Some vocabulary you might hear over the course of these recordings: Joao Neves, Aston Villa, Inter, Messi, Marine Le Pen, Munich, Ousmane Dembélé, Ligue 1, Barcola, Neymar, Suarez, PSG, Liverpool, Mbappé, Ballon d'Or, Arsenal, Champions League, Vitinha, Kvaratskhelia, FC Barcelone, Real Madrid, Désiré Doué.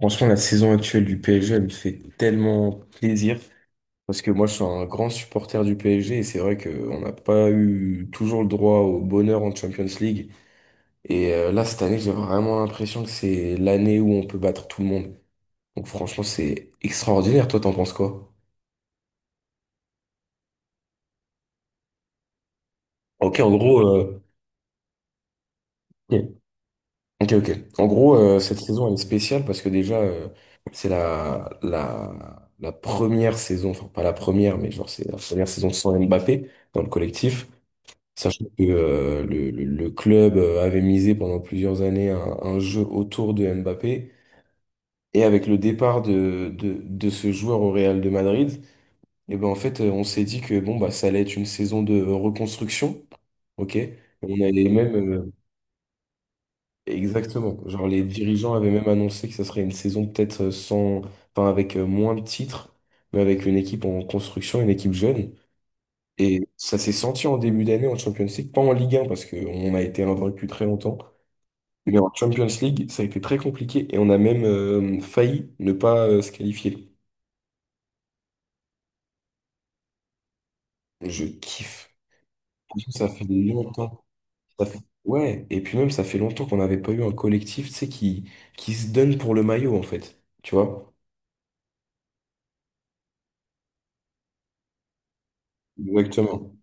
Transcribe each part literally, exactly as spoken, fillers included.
Franchement, la saison actuelle du P S G, elle me fait tellement plaisir parce que moi, je suis un grand supporter du P S G et c'est vrai qu'on n'a pas eu toujours le droit au bonheur en Champions League. Et euh, là, cette année, j'ai vraiment l'impression que c'est l'année où on peut battre tout le monde. Donc, franchement, c'est extraordinaire. Toi, t'en penses quoi? Ok, en gros, euh, ok, ok. Ok. En gros, euh, cette saison, elle est spéciale parce que déjà, euh, c'est la, la, la première saison, enfin, pas la première, mais genre, c'est la première saison sans Mbappé dans le collectif. Sachant que euh, le, le- le club euh, avait misé pendant plusieurs années un, un jeu autour de Mbappé. Et avec le départ de, de, de ce joueur au Real de Madrid, et ben en fait, euh, on s'est dit que bon, bah, ça allait être une saison de reconstruction. OK? On allait même. Euh, exactement. Genre, les dirigeants avaient même annoncé que ça serait une saison peut-être euh, sans. Enfin, avec euh, moins de titres, mais avec une équipe en construction, une équipe jeune. Et ça s'est senti en début d'année en Champions League, pas en Ligue un, parce qu'on a été invaincu très longtemps. Mais en Champions League, ça a été très compliqué et on a même euh, failli ne pas euh, se qualifier. Je kiffe. Parce que ça fait longtemps. ça fait- Ouais, et puis même, ça fait longtemps qu'on n'avait pas eu un collectif, tu sais, qui, qui se donne pour le maillot, en fait. Tu vois? Exactement.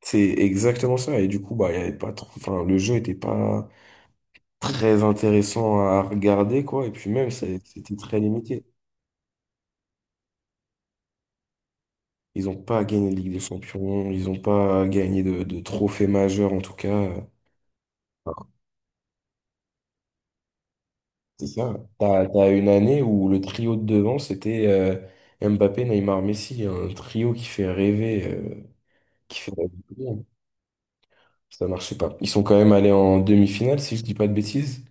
C'est exactement ça. Et du coup, bah, il y avait pas trop... enfin, le jeu était pas très intéressant à regarder, quoi. Et puis même, ça- c'était très limité. Ils n'ont pas gagné de Ligue des Champions, ils n'ont pas gagné de, de trophée majeur, en tout cas. euh. C'est ça. T'as, t'as une année où le trio de devant, c'était euh, Mbappé, Neymar, Messi. Un trio qui fait rêver, euh, qui fait rêver tout le monde. Ça marchait pas. Ils sont quand même allés en demi-finale, si je dis pas de bêtises.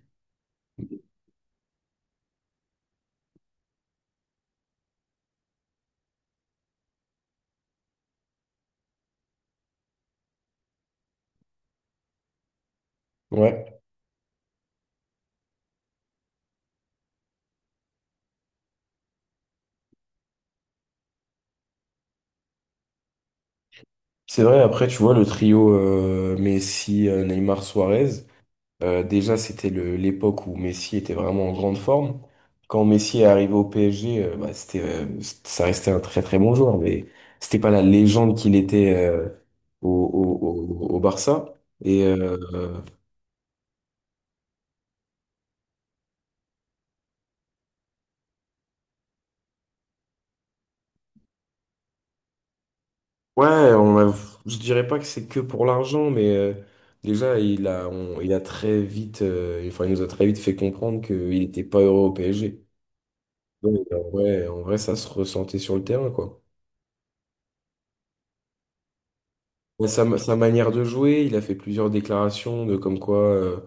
Ouais. C'est vrai, après, tu vois, le trio euh, Messi, euh, Neymar, Suarez. Euh, déjà, c'était le- l'époque où Messi était vraiment en grande forme. Quand Messi est arrivé au P S G, euh, bah, c'était, euh, c- ça restait un très très bon joueur, mais c'était pas la légende qu'il était euh, au, au, au, au Barça. Et euh, ouais, on a, je dirais pas que c'est que pour l'argent, mais euh, déjà il a, on- il a très vite, euh, enfin il nous a très vite fait comprendre qu'il n'était pas heureux au P S G. Donc euh, ouais, en vrai, ça se ressentait sur le terrain, quoi. Mais Sa, ma- sa manière de jouer, il a fait plusieurs déclarations de comme quoi euh,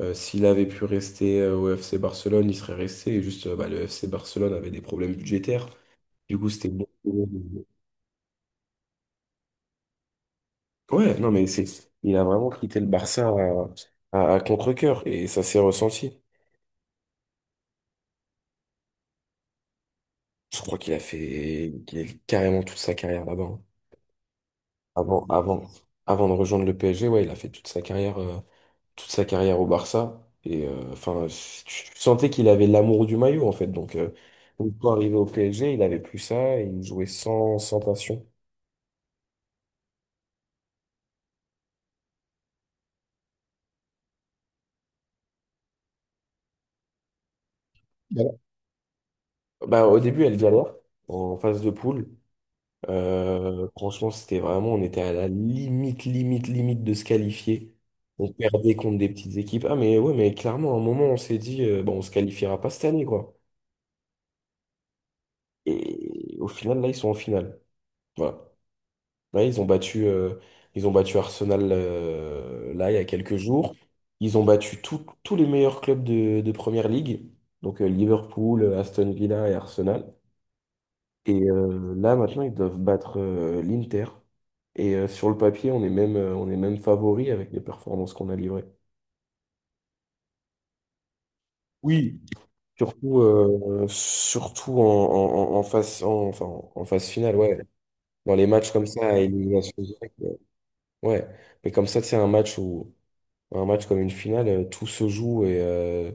euh, s'il avait pu rester euh, au F C Barcelone, il serait resté. Et juste, euh, bah, le F C Barcelone avait des problèmes budgétaires. Du coup, c'était bon. Ouais, non, mais c'est, il a vraiment quitté le Barça à, à, à contre-cœur et ça s'est ressenti. Je crois qu'il a fait, qu'il a fait carrément toute sa carrière là-bas, hein. Avant, avant, Avant de rejoindre le P S G, ouais, il a fait toute sa carrière. euh, toute sa carrière au Barça. Et euh, enfin, tu tu sentais qu'il avait l'amour du maillot, en fait. Donc, euh, donc, quand arrivé au P S G, il avait plus ça et il jouait sans, sans passion. Voilà. Bah, au début, elle galère en phase de poule. Euh, franchement, c'était vraiment, on était à la limite, limite, limite de se qualifier. On perdait contre des petites équipes. Ah, mais ouais, mais clairement, à un moment, on s'est dit, euh, bon, on se qualifiera pas cette année, quoi. Et au final, là, ils sont en finale. Voilà. Ouais, ils ont battu, euh, ils ont battu Arsenal euh, là il y a quelques jours. Ils ont battu tout- tous les meilleurs clubs de, de Première Ligue, donc euh, Liverpool, Aston Villa et Arsenal. Et euh, là maintenant ils doivent battre euh, l'Inter. Et euh, sur le papier on est même, euh, on est même favori avec les performances qu'on a livrées. Oui. Surtout, euh, surtout en, en, en- en phase, en, enfin, en phase finale, ouais. Dans les matchs comme ça, à élimination directe, ouais. Ouais. Mais comme ça, c'est un match où Un match comme une finale, euh, tout se joue et euh,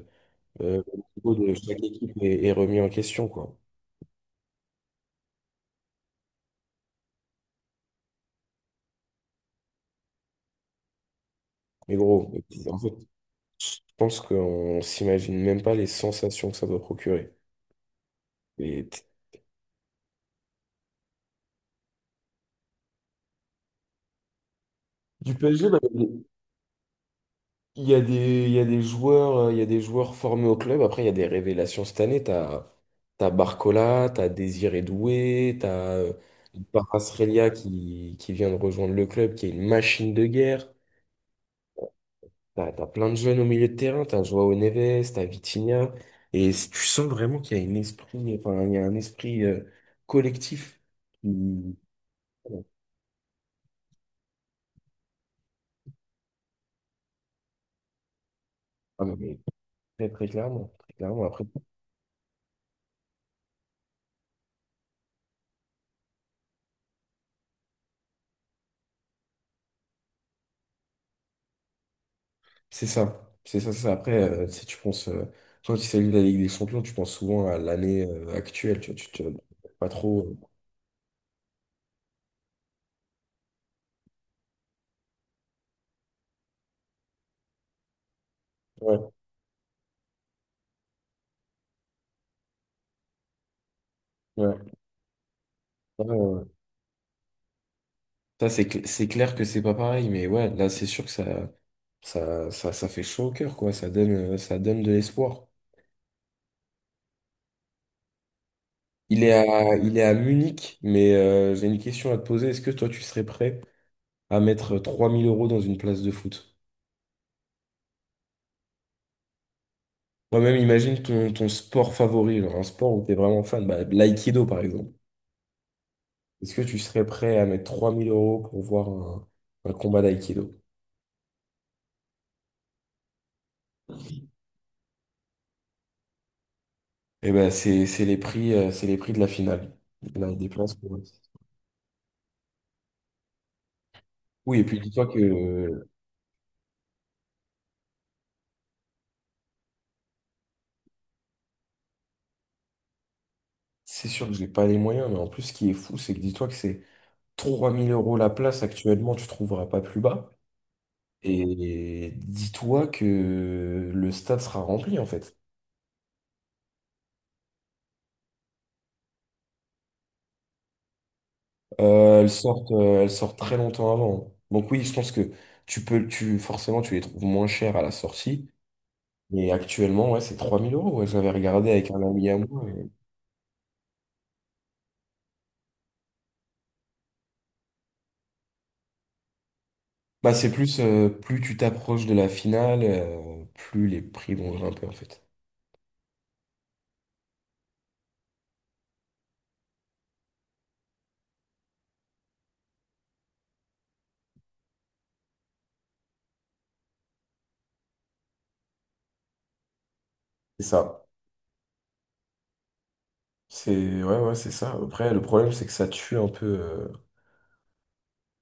euh, le niveau de chaque équipe est, est remis en question, quoi. Mais gros, en fait, je pense qu'on s'imagine même pas les sensations que ça doit procurer. Et t- du P S G, bah, il y a des, il y a des joueurs, euh, il y a des joueurs formés au club. Après, il y a des révélations cette année. T'as, t'as Barcola, t'as Désiré Doué, t'as euh, Kvaratskhelia qui, qui vient de rejoindre le club, qui est une machine de guerre. T'as, t'as plein de jeunes au milieu de terrain, t'as Joao Neves, t'as Vitinha, et c- tu sens vraiment qu'il y a un esprit, enfin, il y a un esprit euh, collectif qui... Ah non, mais très, très clairement, très clairement, après, c'est ça, c'est ça, c'est ça. Après, euh, si tu penses, euh, toi qui salues la Ligue des Champions, tu penses souvent à l'année euh, actuelle, tu vois, tu te... pas trop... euh, Ouais, ouais, ouais, ouais. Ça, c'est cl- c'est clair que c'est pas pareil, mais ouais, là, c'est sûr que ça, ça, ça, ça fait chaud au cœur, quoi, ça donne, euh, ça donne de l'espoir. Il est à, il est à Munich, mais euh, j'ai une question à te poser. Est-ce que toi, tu serais prêt à mettre trois mille euros dans une place de foot? Moi-même, imagine ton, ton sport favori, genre un sport où tu es vraiment fan, bah, l'aïkido par exemple. Est-ce que tu serais prêt à mettre trois mille euros pour voir un, un combat d'aïkido? Eh ben, c'est, c'est les prix, euh, c'est les prix de la finale. Là, il déplace pour- oui, et puis dis-toi que euh, c'est sûr que j'ai pas les moyens, mais en plus, ce qui est fou, c'est que dis-toi que c'est trois mille euros la place actuellement, tu trouveras pas plus bas. Et dis-toi que le stade sera rempli en fait. Euh, elles sortent, euh, elles sortent très longtemps avant, hein. Donc oui, je pense que tu peux, tu forcément, tu les trouves moins chères à la sortie. Mais actuellement, ouais, c'est trois mille euros. Ouais, j'avais regardé avec un ami à moi. et- Bah, c'est plus, euh, plus tu t'approches de la finale, euh, plus les prix vont grimper en fait. C'est ça. C'est ouais, ouais, c'est ça. Après, le problème, c'est que ça tue un peu. euh,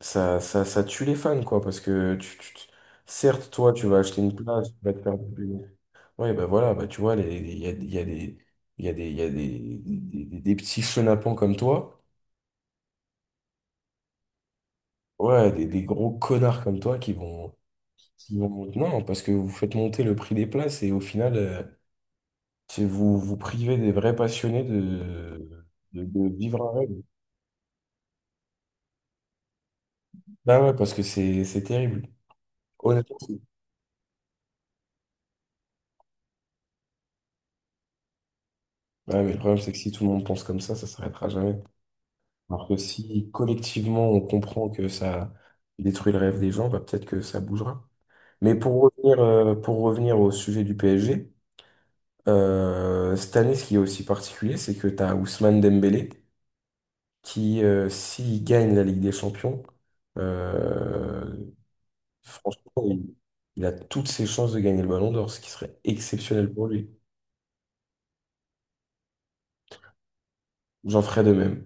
ça, ça, Ça tue les fans, quoi, parce que tu, tu- tu- certes, toi, tu vas acheter une place, tu vas te faire du pognon. Ouais, bah voilà, bah tu vois, les- les- il y a, il y a des, il y a des, il y a des, des, des- des petits chenapans comme toi, ouais, des, des gros connards comme toi qui vont, qui vont, non, parce que vous faites monter le prix des places et au final, euh, c'est vous, vous privez des vrais passionnés de, de, de vivre un rêve. Bah ouais, parce que c'est, c'est terrible. Honnêtement, c'est- bah ouais, mais le problème, c'est que si tout le monde pense comme ça, ça s'arrêtera jamais. Alors que si collectivement on comprend que ça détruit le rêve des gens, bah, peut-être que ça bougera. Mais pour revenir, euh, pour revenir au sujet du P S G, euh, cette année, ce qui est aussi particulier, c'est que tu as Ousmane Dembélé qui, euh, s'il gagne la Ligue des Champions, euh, franchement, il, il a toutes ses chances de gagner le Ballon d'Or, ce qui serait exceptionnel pour lui. J'en ferais de même.